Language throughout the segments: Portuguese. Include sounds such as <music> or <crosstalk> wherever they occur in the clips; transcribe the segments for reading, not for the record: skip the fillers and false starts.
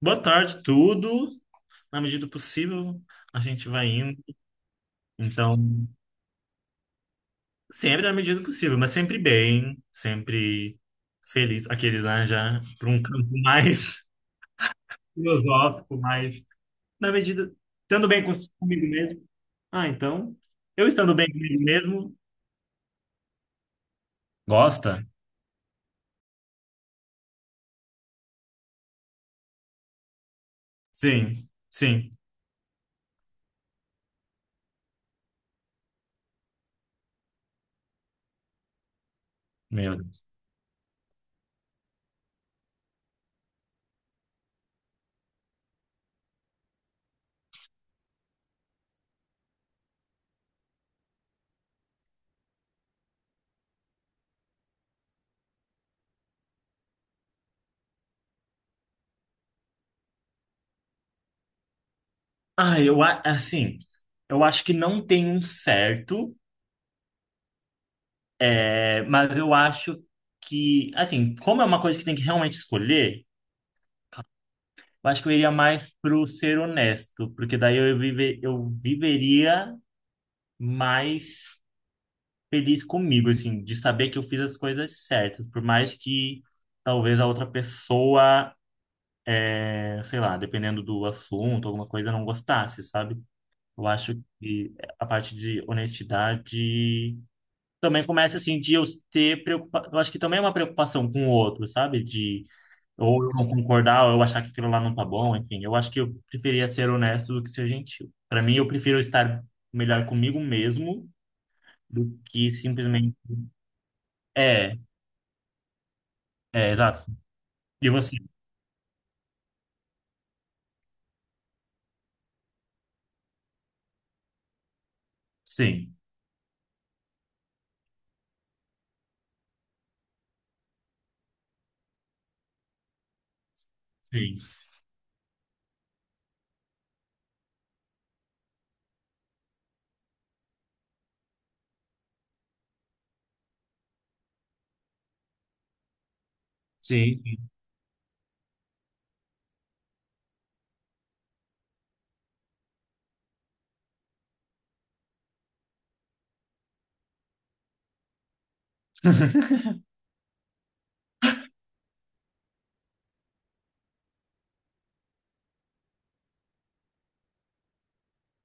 Boa tarde, tudo. Na medida do possível, a gente vai indo. Então, sempre na medida do possível, mas sempre bem, sempre feliz. Aqueles lá já para um campo mais <laughs> filosófico, mais na medida, estando bem comigo mesmo. Ah, então, eu estando bem comigo mesmo, gosta? Sim, sim, meu. Deus. Ah, assim, eu acho que não tem um certo. É, mas eu acho que, assim, como é uma coisa que tem que realmente escolher, eu acho que eu iria mais pro ser honesto, porque daí eu viveria mais feliz comigo, assim, de saber que eu fiz as coisas certas, por mais que talvez a outra pessoa, é, sei lá, dependendo do assunto, alguma coisa, não gostasse, sabe? Eu acho que a parte de honestidade também começa, assim, de eu ter preocupação, eu acho que também é uma preocupação com o outro, sabe? De ou eu não concordar, ou eu achar que aquilo lá não tá bom, enfim. Eu acho que eu preferia ser honesto do que ser gentil. Para mim, eu prefiro estar melhor comigo mesmo do que simplesmente. É, é, exato. E você? Sim, sim, sim, sim.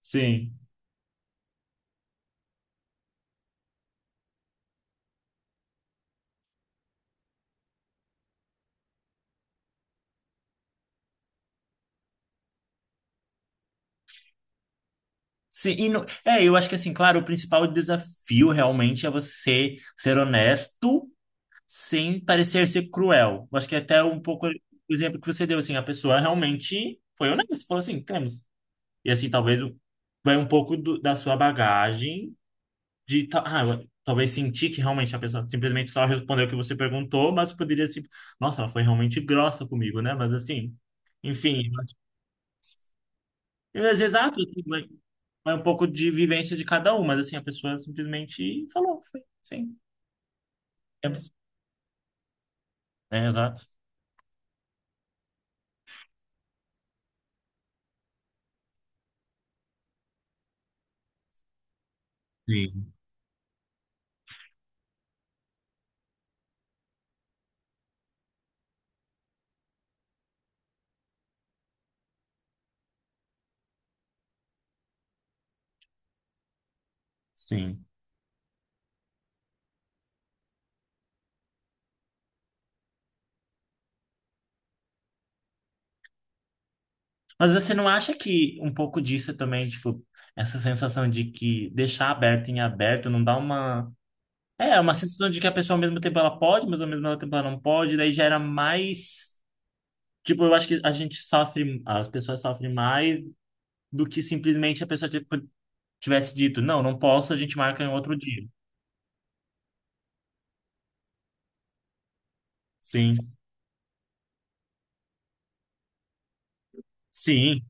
Sim, sim, e é, eu acho que assim, claro, o principal desafio realmente é você ser honesto sem parecer ser cruel. Eu acho que é até um pouco o exemplo que você deu, assim, a pessoa realmente foi honesta, falou assim, temos. E assim, vai um pouco da sua bagagem de ah, talvez sentir que realmente a pessoa simplesmente só respondeu o que você perguntou, mas poderia se, nossa, ela foi realmente grossa comigo, né? Mas assim, enfim, mas exato, assim, vai um pouco de vivência de cada um, mas assim, a pessoa simplesmente falou, foi, sim. É, é, exato. Sim. Sim. Mas você não acha que um pouco disso é também, tipo, essa sensação de que deixar aberto em aberto não dá uma é, uma sensação de que a pessoa ao mesmo tempo ela pode, mas ao mesmo tempo ela não pode, daí gera mais. Tipo, eu acho que a gente sofre, as pessoas sofrem mais do que simplesmente a pessoa tipo, tivesse dito, não, não posso, a gente marca em outro dia. Sim, sim,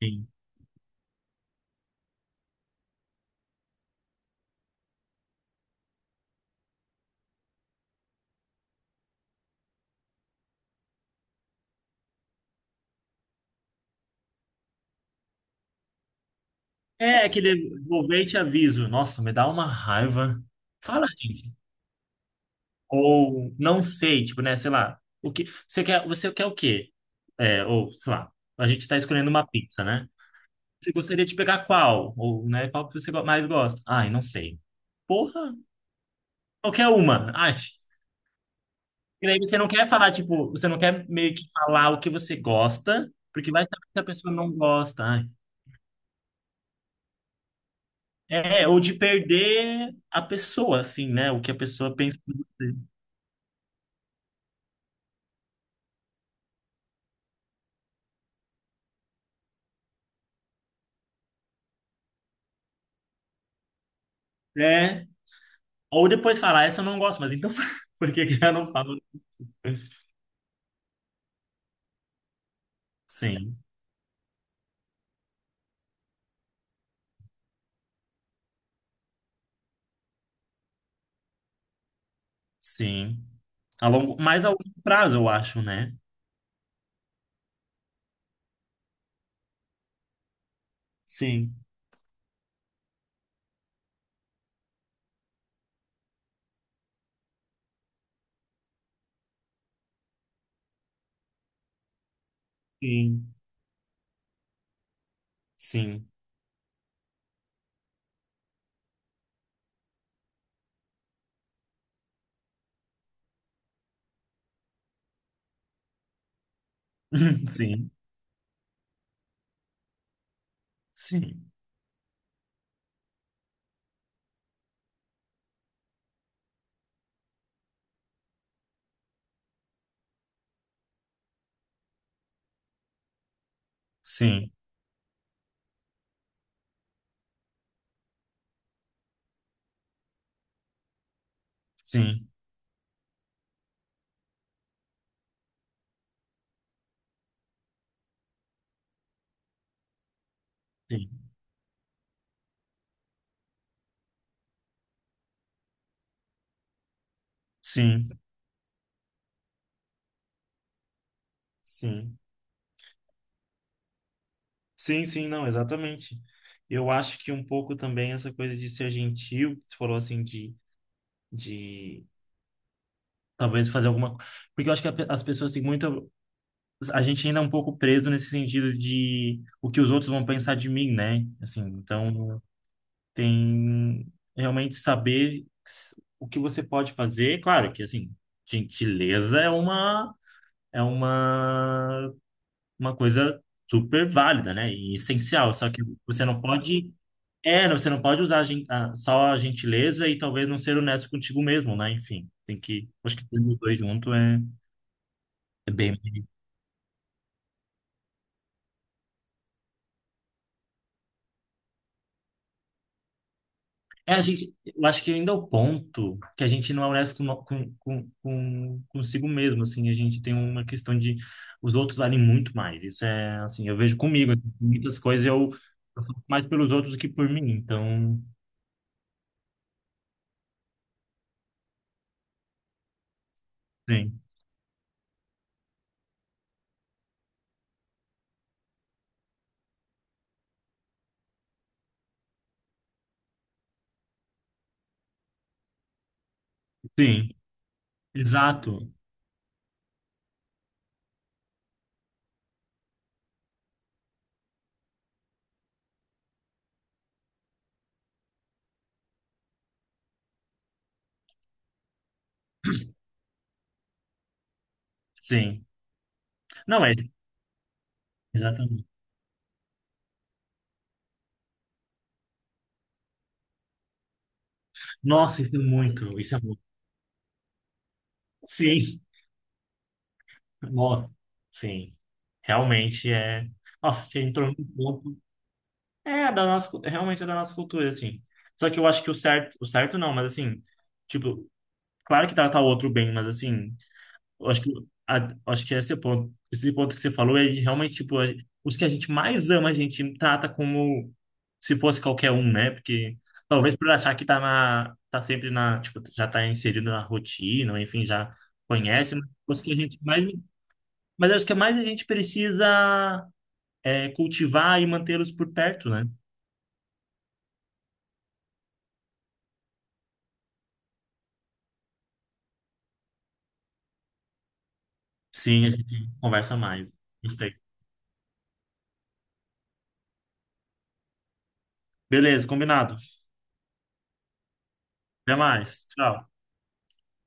sim. É, é aquele vou ver e te aviso. Nossa, me dá uma raiva. Fala, gente. Ou não sei, tipo, né, sei lá, o que. Você quer o quê? É, ou, sei lá, a gente tá escolhendo uma pizza, né? Você gostaria de pegar qual? Ou, né, qual que você mais gosta? Ai, não sei. Porra, qualquer uma. Ai. E daí você não quer falar, tipo, você não quer meio que falar o que você gosta, porque vai saber se a pessoa não gosta. Ai. É, ou de perder a pessoa, assim, né? O que a pessoa pensa de você. É. Ou depois falar, essa eu não gosto, mas então <laughs> por que que eu não falo? Sim, sim. A longo, mais a longo prazo, eu acho, né? Sim, sim, sim. <laughs> Sim, sim. Sim, sim, sim, sim, sim, sim, sim, não, exatamente. Eu acho que um pouco também essa coisa de ser gentil, que você falou assim, de talvez fazer alguma. Porque eu acho que a as pessoas têm muito. A gente ainda é um pouco preso nesse sentido de o que os outros vão pensar de mim, né? Assim, então tem realmente saber o que você pode fazer. Claro que, assim, gentileza é uma. É uma coisa super válida, né? E essencial. Só que você não pode. É, não, você não pode usar a só a gentileza e talvez não ser honesto contigo mesmo, né? Enfim, tem que. Acho que tendo os dois junto é, é bem. É, a gente. Eu acho que ainda é o ponto que a gente não é honesto consigo mesmo, assim. A gente tem uma questão de. Os outros valem muito mais. Isso é, assim, eu vejo comigo. Assim, muitas coisas eu. Eu faço mais pelos outros do que por mim. Então, sim. Sim, exato. Sim. Não é, exatamente. Nossa, isso é muito, isso é muito. Sim, nossa, sim. Realmente é. Nossa, você entrou num ponto. É, da nossa, realmente é da nossa cultura, assim. Só que eu acho que o certo não, mas assim, tipo, claro que tratar o outro bem, mas assim. Eu acho que, acho que esse é o ponto, esse ponto que você falou é realmente, tipo, os que a gente mais ama, a gente trata como se fosse qualquer um, né? Porque talvez por achar que tá na, tá sempre na, tipo, já tá inserido na rotina, ou enfim, já conhece, mas os que a gente mais, mas acho que é mais a gente precisa é, cultivar e mantê-los por perto, né? Sim, a gente conversa mais. Gostei. Beleza, combinado. Até mais. Tchau.